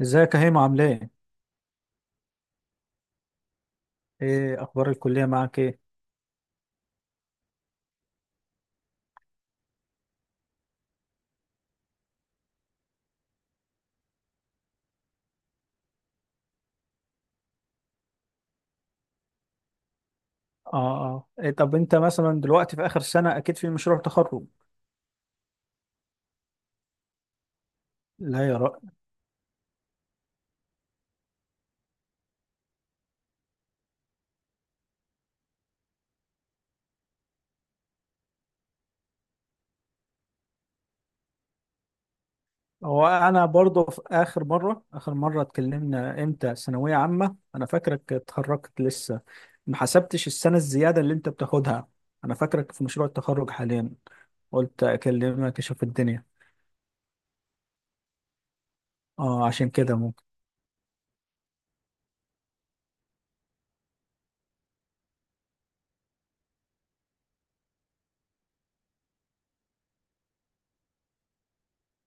ازيك يا هيما عامل ايه؟ ايه اخبار الكلية معاك ايه؟ اه اه. إيه طب انت مثلا دلوقتي في اخر سنة اكيد في مشروع تخرج؟ لا يا رأي. هو انا برضه في اخر مرة اتكلمنا امتى ثانوية عامة، انا فاكرك اتخرجت لسه، ما حسبتش السنة الزيادة اللي انت بتاخدها، انا فاكرك في مشروع التخرج حاليا. قلت اكلمك اشوف الدنيا. اه عشان كده.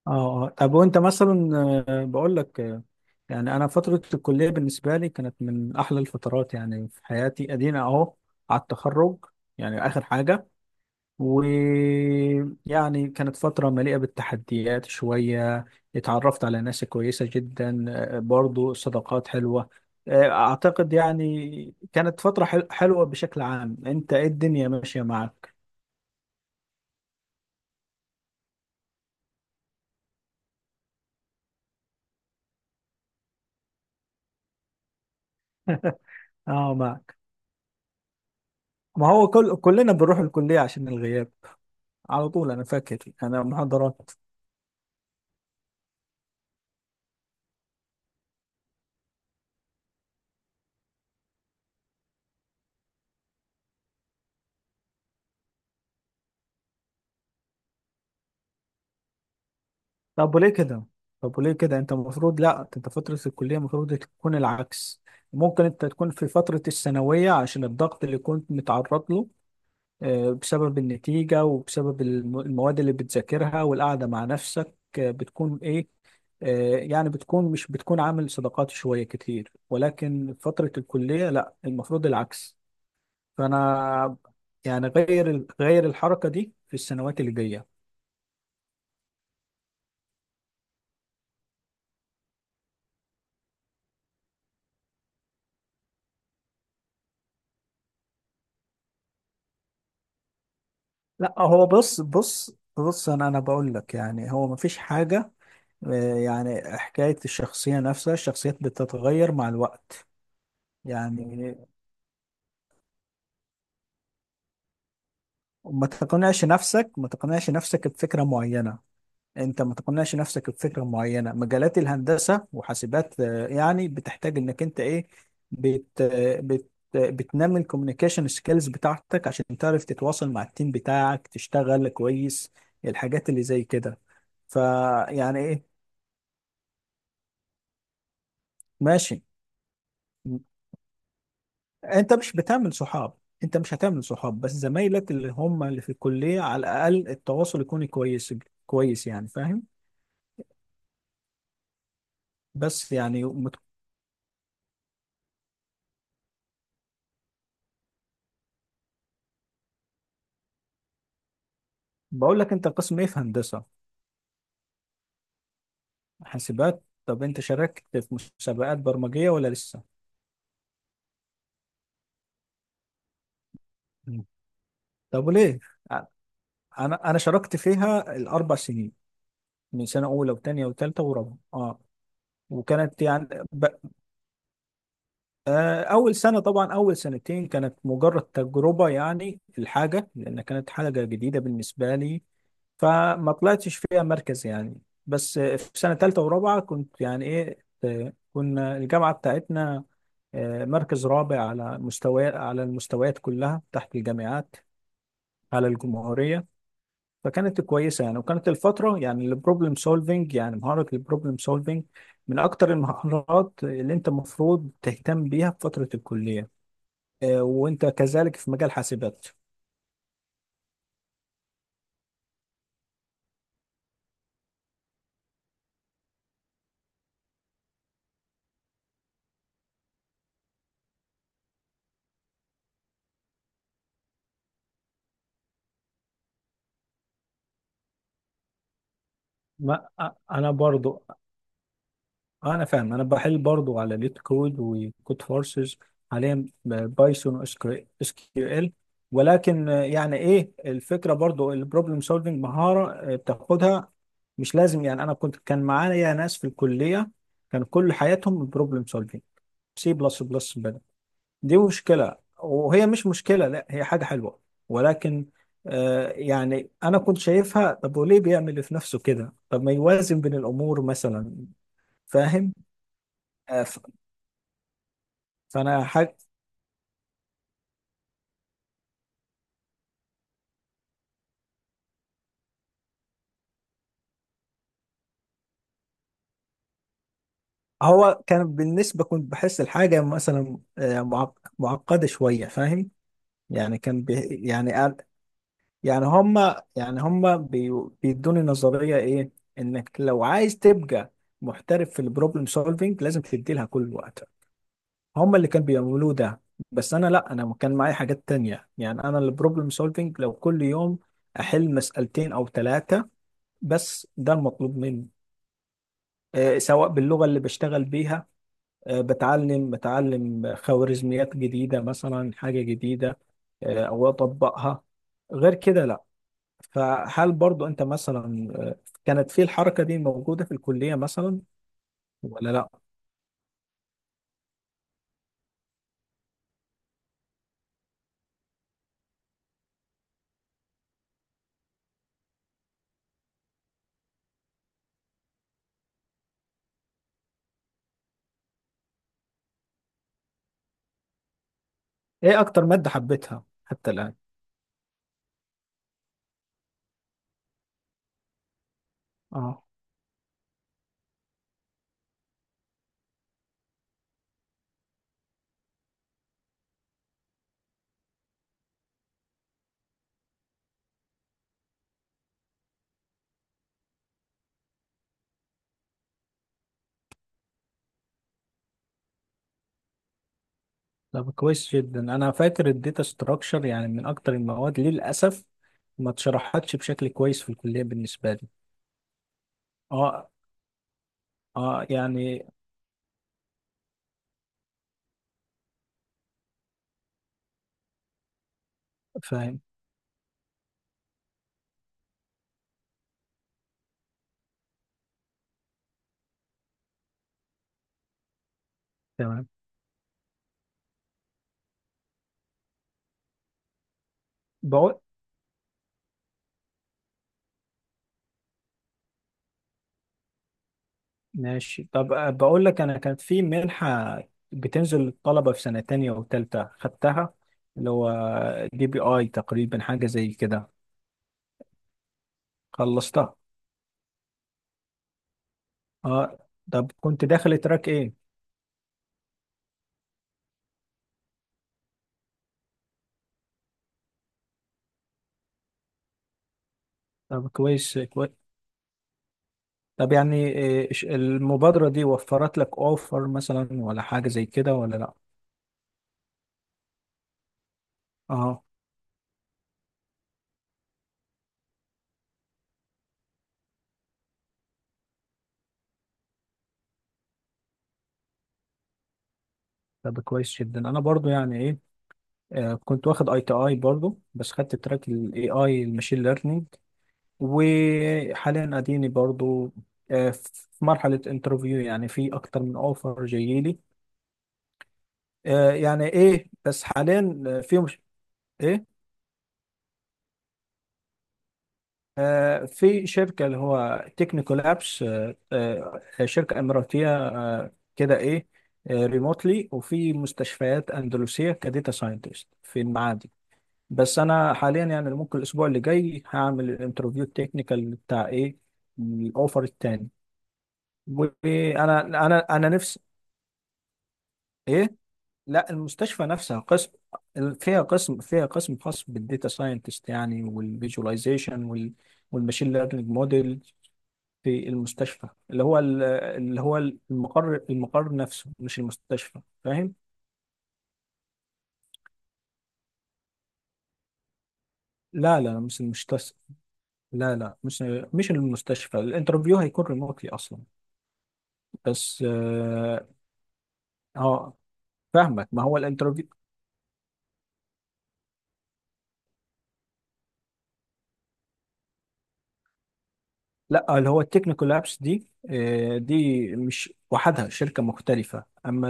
اه. طب وانت مثلا بقول لك، يعني انا فتره الكليه بالنسبه لي كانت من احلى الفترات يعني في حياتي، ادينا اهو على التخرج، يعني اخر حاجه. ويعني كانت فتره مليئه بالتحديات شويه، اتعرفت على ناس كويسه جدا، برضو صداقات حلوه. اعتقد يعني كانت فتره حلوه بشكل عام. انت ايه الدنيا ماشيه معك؟ اه معك. ما هو كل كلنا بنروح الكليه عشان الغياب، على طول انا فاكر. انا محاضرات. طب وليه كده؟ انت المفروض، لا انت فترة الكلية المفروض تكون العكس. ممكن انت تكون في فترة الثانوية عشان الضغط اللي كنت متعرض له، بسبب النتيجة وبسبب المواد اللي بتذاكرها والقعدة مع نفسك، بتكون ايه، يعني بتكون مش بتكون عامل صداقات شوية كتير. ولكن فترة الكلية لا، المفروض العكس. فانا يعني غير الحركة دي في السنوات اللي جاية. لا هو بص بص بص. انا بقول لك يعني هو مفيش حاجه، يعني حكايه الشخصيه نفسها، الشخصيات بتتغير مع الوقت، يعني ما تقنعش نفسك بفكره معينه. انت ما تقنعش نفسك بفكره معينه. مجالات الهندسه وحاسبات، يعني بتحتاج انك انت ايه، بت آه، بت بتنمي الكوميونيكيشن سكيلز بتاعتك عشان تعرف تتواصل مع التيم بتاعك تشتغل كويس، الحاجات اللي زي كده. فيعني ايه. ماشي. انت مش بتعمل صحاب. انت مش هتعمل صحاب بس زمايلك اللي هم اللي في الكلية على الاقل التواصل يكون كويس، كويس يعني، فاهم. بس يعني بقول لك، انت قسم ايه في هندسة؟ حاسبات. طب انت شاركت في مسابقات برمجية ولا لسه؟ مم. طب وليه؟ ع- انا شاركت فيها الاربع سنين، من سنة اولى وثانية وثالثة ورابعة. اه. وكانت يعني أول سنة طبعا، أول سنتين كانت مجرد تجربة يعني الحاجة، لأن كانت حاجة جديدة بالنسبة لي، فما طلعتش فيها مركز يعني. بس في سنة تالتة ورابعة كنت يعني إيه، كنا الجامعة بتاعتنا، مركز رابع على مستوى على المستويات كلها تحت الجامعات، على الجمهورية. فكانت كويسة يعني، وكانت الفترة يعني البروبلم سولفينج، يعني مهارة البروبلم سولفينج من أكتر المهارات اللي أنت المفروض تهتم بيها في فترة الكلية، وانت كذلك في مجال حاسبات. ما انا برضو، انا فاهم، انا بحل برضو على ليت كود وكود فورسز، حاليا بايثون، SQL. ولكن يعني ايه الفكره، برضو البروبلم سولفنج مهاره بتاخدها، مش لازم. يعني انا كان معايا ناس في الكليه كان كل حياتهم بروبلم سولفنج، C++. دي مشكلة، وهي مش مشكلة، لا هي حاجة حلوة، ولكن يعني أنا كنت شايفها، طب وليه بيعمل في نفسه كده؟ طب ما يوازن بين الأمور مثلا، فاهم؟ آه ف- فأنا حاجة، هو كان بالنسبة كنت بحس الحاجة مثلا معقدة شوية فاهم. يعني كان بي، يعني يعني هما، يعني هما بيدوني نظرية إيه، إنك لو عايز تبقى محترف في البروبلم سولفينج لازم تدي لها كل الوقت. هم اللي كانوا بيعملوه ده. بس انا لا، انا كان معايا حاجات تانية، يعني انا البروبلم سولفينج لو كل يوم احل مسألتين او ثلاثة بس ده المطلوب مني، سواء باللغة اللي بشتغل بيها، بتعلم خوارزميات جديدة، مثلا حاجة جديدة، او اطبقها، غير كده لا. فهل برضو انت مثلا، كانت في الحركة دي موجودة في الكلية مثلا ولا لا؟ ايه اكتر مادة حبيتها حتى الآن؟ طب كويس جدا. انا فاكر الداتا ستراكشر يعني من اكتر المواد للاسف ما اتشرحتش بشكل كويس في الكليه بالنسبه لي. اه. اه يعني فاهم، تمام، بقول، ماشي. طب بقول لك، انا كانت في منحه بتنزل للطلبه في سنه تانية وتالتة، خدتها، اللي هو DEPI تقريبا، حاجه زي كده، خلصتها. اه. طب كنت داخل تراك ايه؟ طب كويس. طب يعني إيه، المبادرة دي وفرت لك اوفر مثلا ولا حاجة زي كده ولا لا؟ اه. طب كويس جدا. انا برضو يعني ايه، كنت واخد ITI برضو، بس خدت تراك الAI الماشين ليرنينج، وحاليا اديني برضو في مرحلة انترفيو، يعني في اكتر من اوفر جايلي، يعني ايه، بس حاليا في مش، ايه، في شركة اللي هو تكنيكال ابس، شركة إماراتية، كده إيه، ريموتلي، وفي مستشفيات أندلسية كديتا ساينتست في المعادي. بس أنا حاليا يعني ممكن الأسبوع اللي جاي هعمل الانترفيو التكنيكال بتاع إيه، الأوفر التاني. وأنا، أنا نفسي إيه، لا المستشفى نفسها قسم، فيها قسم خاص بالديتا ساينتست يعني، والفيجواليزيشن، وال والماشين ليرنينج موديل، في المستشفى اللي هو المقر، نفسه مش المستشفى، فاهم؟ لا لا، مش المستشفى. لا لا، مش المستشفى، الانترفيو هيكون ريموتلي اصلا، بس اه آه، فاهمك، ما هو الانترفيو لا اللي هو التكنيكال لابس دي، دي مش وحدها، شركة مختلفة. اما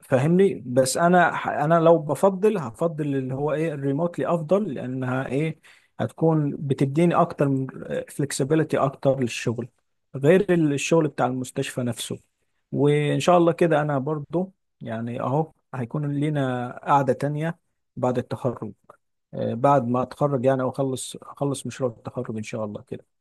فاهمني، بس انا انا لو بفضل، هفضل اللي هو ايه الريموتلي افضل، لانها ايه هتكون بتديني اكتر من فلكسبيليتي اكتر للشغل، غير الشغل بتاع المستشفى نفسه. وان شاء الله كده انا برضو يعني اهو هيكون لينا قعدة تانية بعد التخرج، بعد ما اتخرج يعني، واخلص، مشروع التخرج ان شاء الله كده.